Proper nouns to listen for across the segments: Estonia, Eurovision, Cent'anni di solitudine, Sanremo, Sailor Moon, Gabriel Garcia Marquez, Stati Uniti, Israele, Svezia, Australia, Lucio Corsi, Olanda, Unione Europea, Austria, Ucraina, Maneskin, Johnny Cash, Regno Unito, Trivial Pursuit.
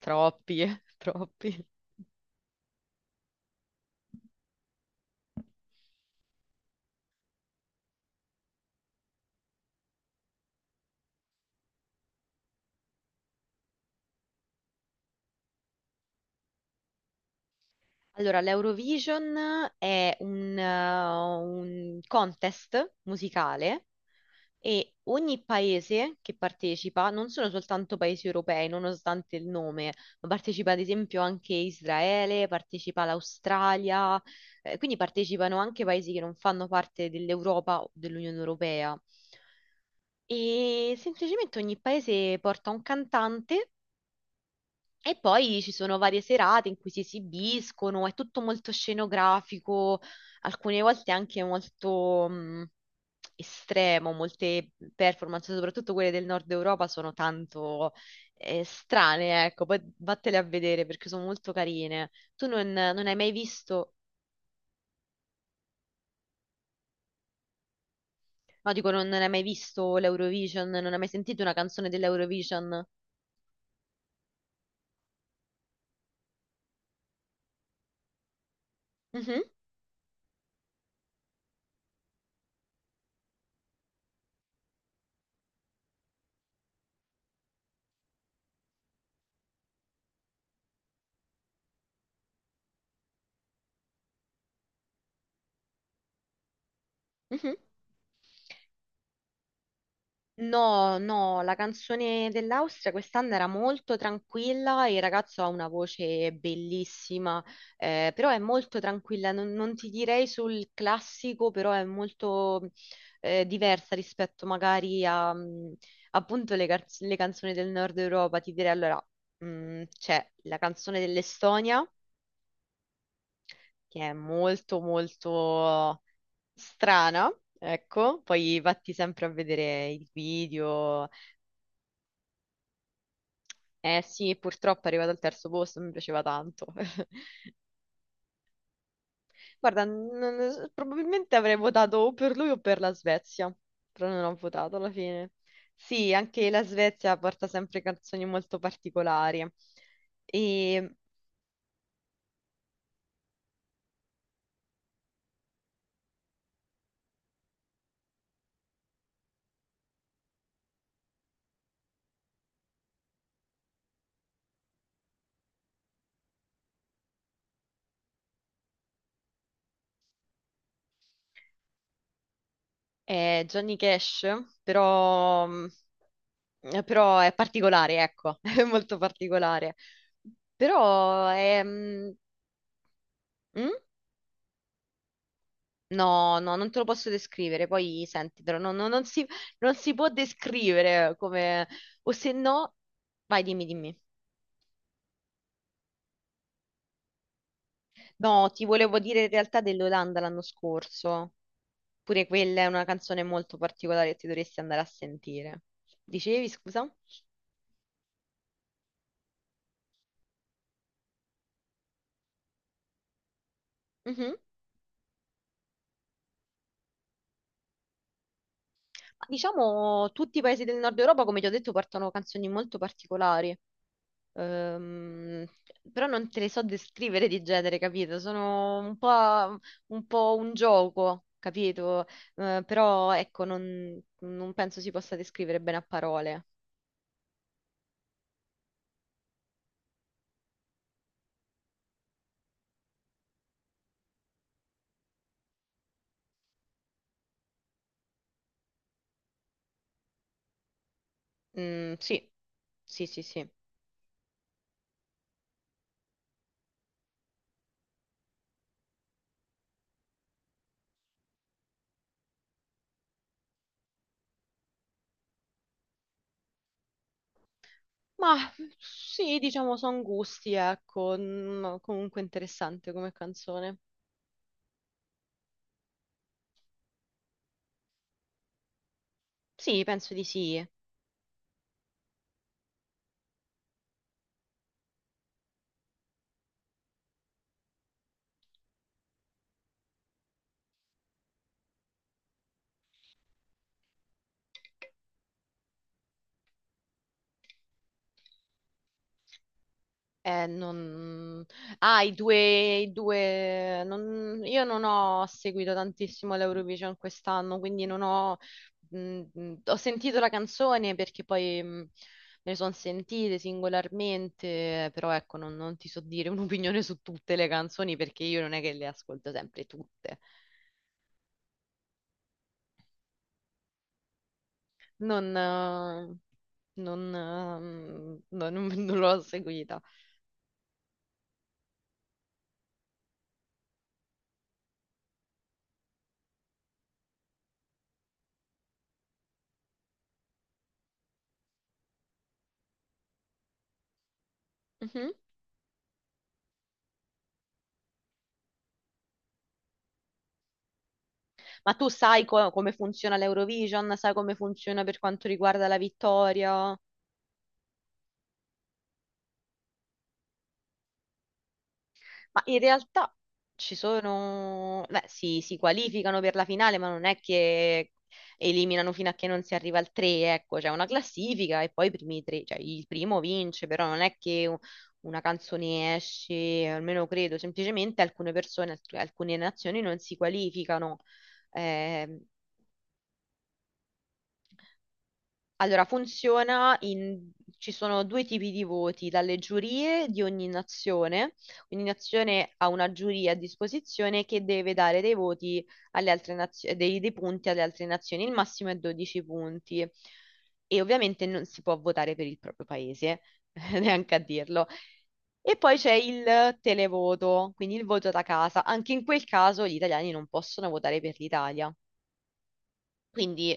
Troppi, troppi. Allora, l'Eurovision è un contest musicale e ogni paese che partecipa, non sono soltanto paesi europei, nonostante il nome, ma partecipa ad esempio anche Israele, partecipa l'Australia, quindi partecipano anche paesi che non fanno parte dell'Europa o dell'Unione Europea. E semplicemente ogni paese porta un cantante. E poi ci sono varie serate in cui si esibiscono, è tutto molto scenografico, alcune volte anche molto estremo, molte performance, soprattutto quelle del nord Europa, sono tanto strane, ecco, poi vattele a vedere perché sono molto carine. Tu non hai mai visto, no, dico, non hai mai visto l'Eurovision, non hai mai sentito una canzone dell'Eurovision? Mhm, mhm. No, no, la canzone dell'Austria quest'anno era molto tranquilla, il ragazzo ha una voce bellissima, però è molto tranquilla, non ti direi sul classico, però è molto diversa rispetto magari a appunto le canzoni del Nord Europa. Ti direi allora, c'è la canzone dell'Estonia, che è molto molto strana, ecco, poi vatti sempre a vedere il video. Eh sì, purtroppo è arrivato al terzo posto, mi piaceva tanto. Guarda, probabilmente avrei votato o per lui o per la Svezia, però non ho votato alla fine. Sì, anche la Svezia porta sempre canzoni molto particolari. E è Johnny Cash, però, però è particolare, ecco, è molto particolare. Però è... mm? Mm? No, no, non te lo posso descrivere, poi sentitelo, no, no, non si può descrivere come... O se no... Vai, dimmi. No, ti volevo dire in realtà dell'Olanda l'anno scorso. Pure quella è una canzone molto particolare che ti dovresti andare a sentire. Dicevi, scusa? Mhm. Ma diciamo, tutti i paesi del nord Europa, come ti ho detto, portano canzoni molto particolari. Ehm, però non te le so descrivere di genere, capito? Sono un un po' un gioco, capito? Però ecco, non penso si possa descrivere bene a parole. Mm, sì, sì, sì, sì. Ma sì, diciamo, sono gusti, ecco. Mm, comunque interessante come canzone. Sì, penso di sì. Non... Ah, i due, Io non ho seguito tantissimo l'Eurovision quest'anno, quindi non ho... ho sentito la canzone perché poi me ne sono sentite singolarmente, però ecco, non ti so dire un'opinione su tutte le canzoni perché io non è che le ascolto sempre tutte. Non... Non, eh, non l'ho seguita. Ma tu sai come funziona l'Eurovision? Sai come funziona per quanto riguarda la vittoria? Ma in realtà ci sono... Beh, si qualificano per la finale, ma non è che eliminano fino a che non si arriva al 3, ecco, c'è una classifica e poi i primi tre, cioè il primo vince, però non è che una canzone esce, almeno credo, semplicemente alcune persone, alcune nazioni non si qualificano. Ehm, Allora, funziona in... ci sono due tipi di voti, dalle giurie di ogni nazione. Ogni nazione ha una giuria a disposizione che deve dare dei voti alle altre nazioni, dei punti alle altre nazioni. Il massimo è 12 punti. E ovviamente non si può votare per il proprio paese, neanche a dirlo. E poi c'è il televoto, quindi il voto da casa. Anche in quel caso gli italiani non possono votare per l'Italia. Quindi,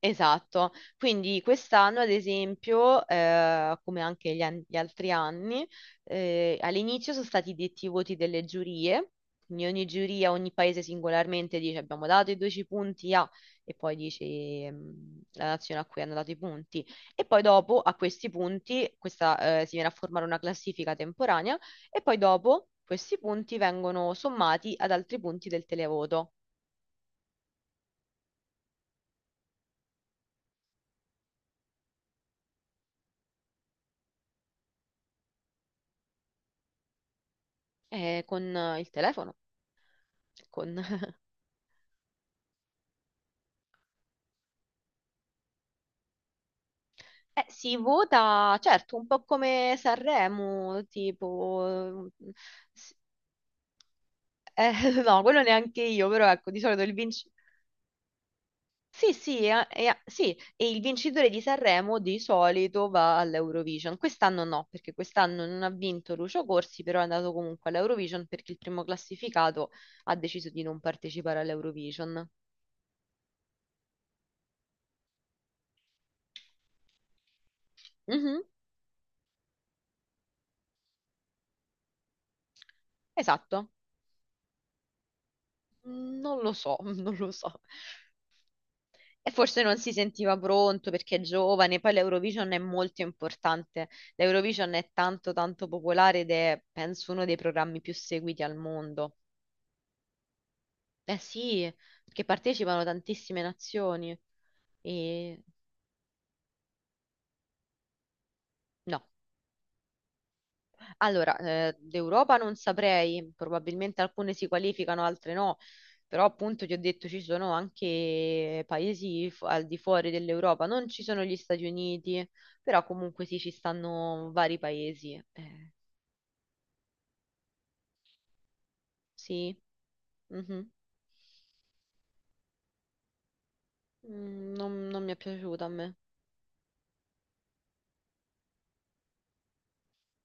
esatto, quindi quest'anno ad esempio, come anche gli altri anni, all'inizio sono stati detti i voti delle giurie, quindi ogni giuria, ogni paese singolarmente dice abbiamo dato i 12 punti a, e poi dice la nazione a cui hanno dato i punti, e poi dopo a questi punti questa, si viene a formare una classifica temporanea e poi dopo questi punti vengono sommati ad altri punti del televoto, con il telefono con. Si vota, certo, un po' come Sanremo, tipo... s- eh, no, quello neanche io, però ecco, di solito il vincitore... Sì, sì, sì, e il vincitore di Sanremo di solito va all'Eurovision. Quest'anno no, perché quest'anno non ha vinto Lucio Corsi, però è andato comunque all'Eurovision perché il primo classificato ha deciso di non partecipare all'Eurovision. Mhm, esatto. Non lo so, non lo so. E forse non si sentiva pronto perché è giovane, poi l'Eurovision è molto importante. L'Eurovision è tanto tanto popolare ed è, penso, uno dei programmi più seguiti al mondo. Eh sì, perché partecipano tantissime nazioni. E... No. Allora, d'Europa non saprei, probabilmente alcune si qualificano, altre no, però appunto ti ho detto ci sono anche paesi al di fuori dell'Europa, non ci sono gli Stati Uniti, però comunque sì, ci stanno vari paesi. Sì. Mhm. Mm, non mi è piaciuta a me.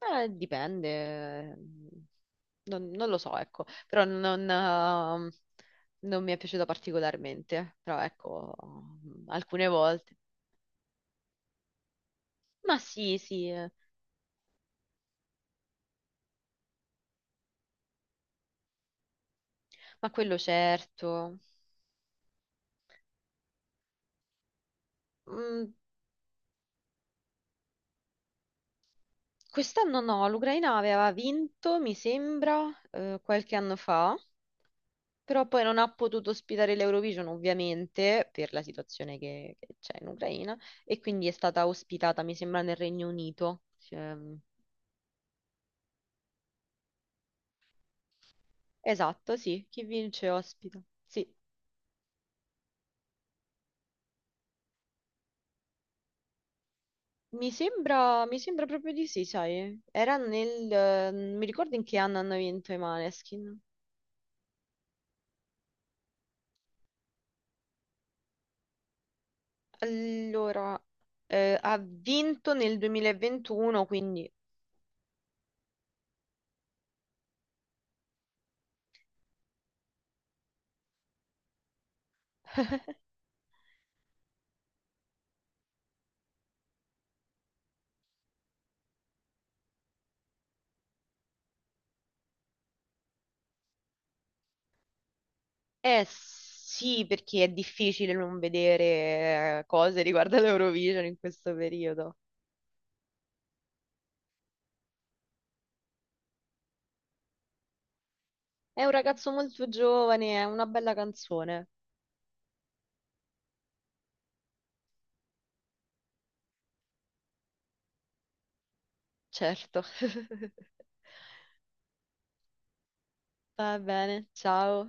Dipende. Mm, non lo so, ecco. Però non, non mi è piaciuta particolarmente. Però ecco, alcune volte. Ma sì, sì, eh. Ma quello certo. Mm, quest'anno no, l'Ucraina aveva vinto, mi sembra, qualche anno fa, però poi non ha potuto ospitare l'Eurovision, ovviamente, per la situazione che c'è in Ucraina, e quindi è stata ospitata, mi sembra, nel Regno Unito. Ehm, esatto, sì, chi vince ospita. Sì, mi sembra proprio di sì, sai. Era nel... non mi ricordo in che anno hanno vinto i Maneskin. Allora, ha vinto nel 2021, quindi... Eh sì, perché è difficile non vedere cose riguardo all'Eurovision in questo periodo. È un ragazzo molto giovane, è una bella canzone, certo. Va bene, ciao.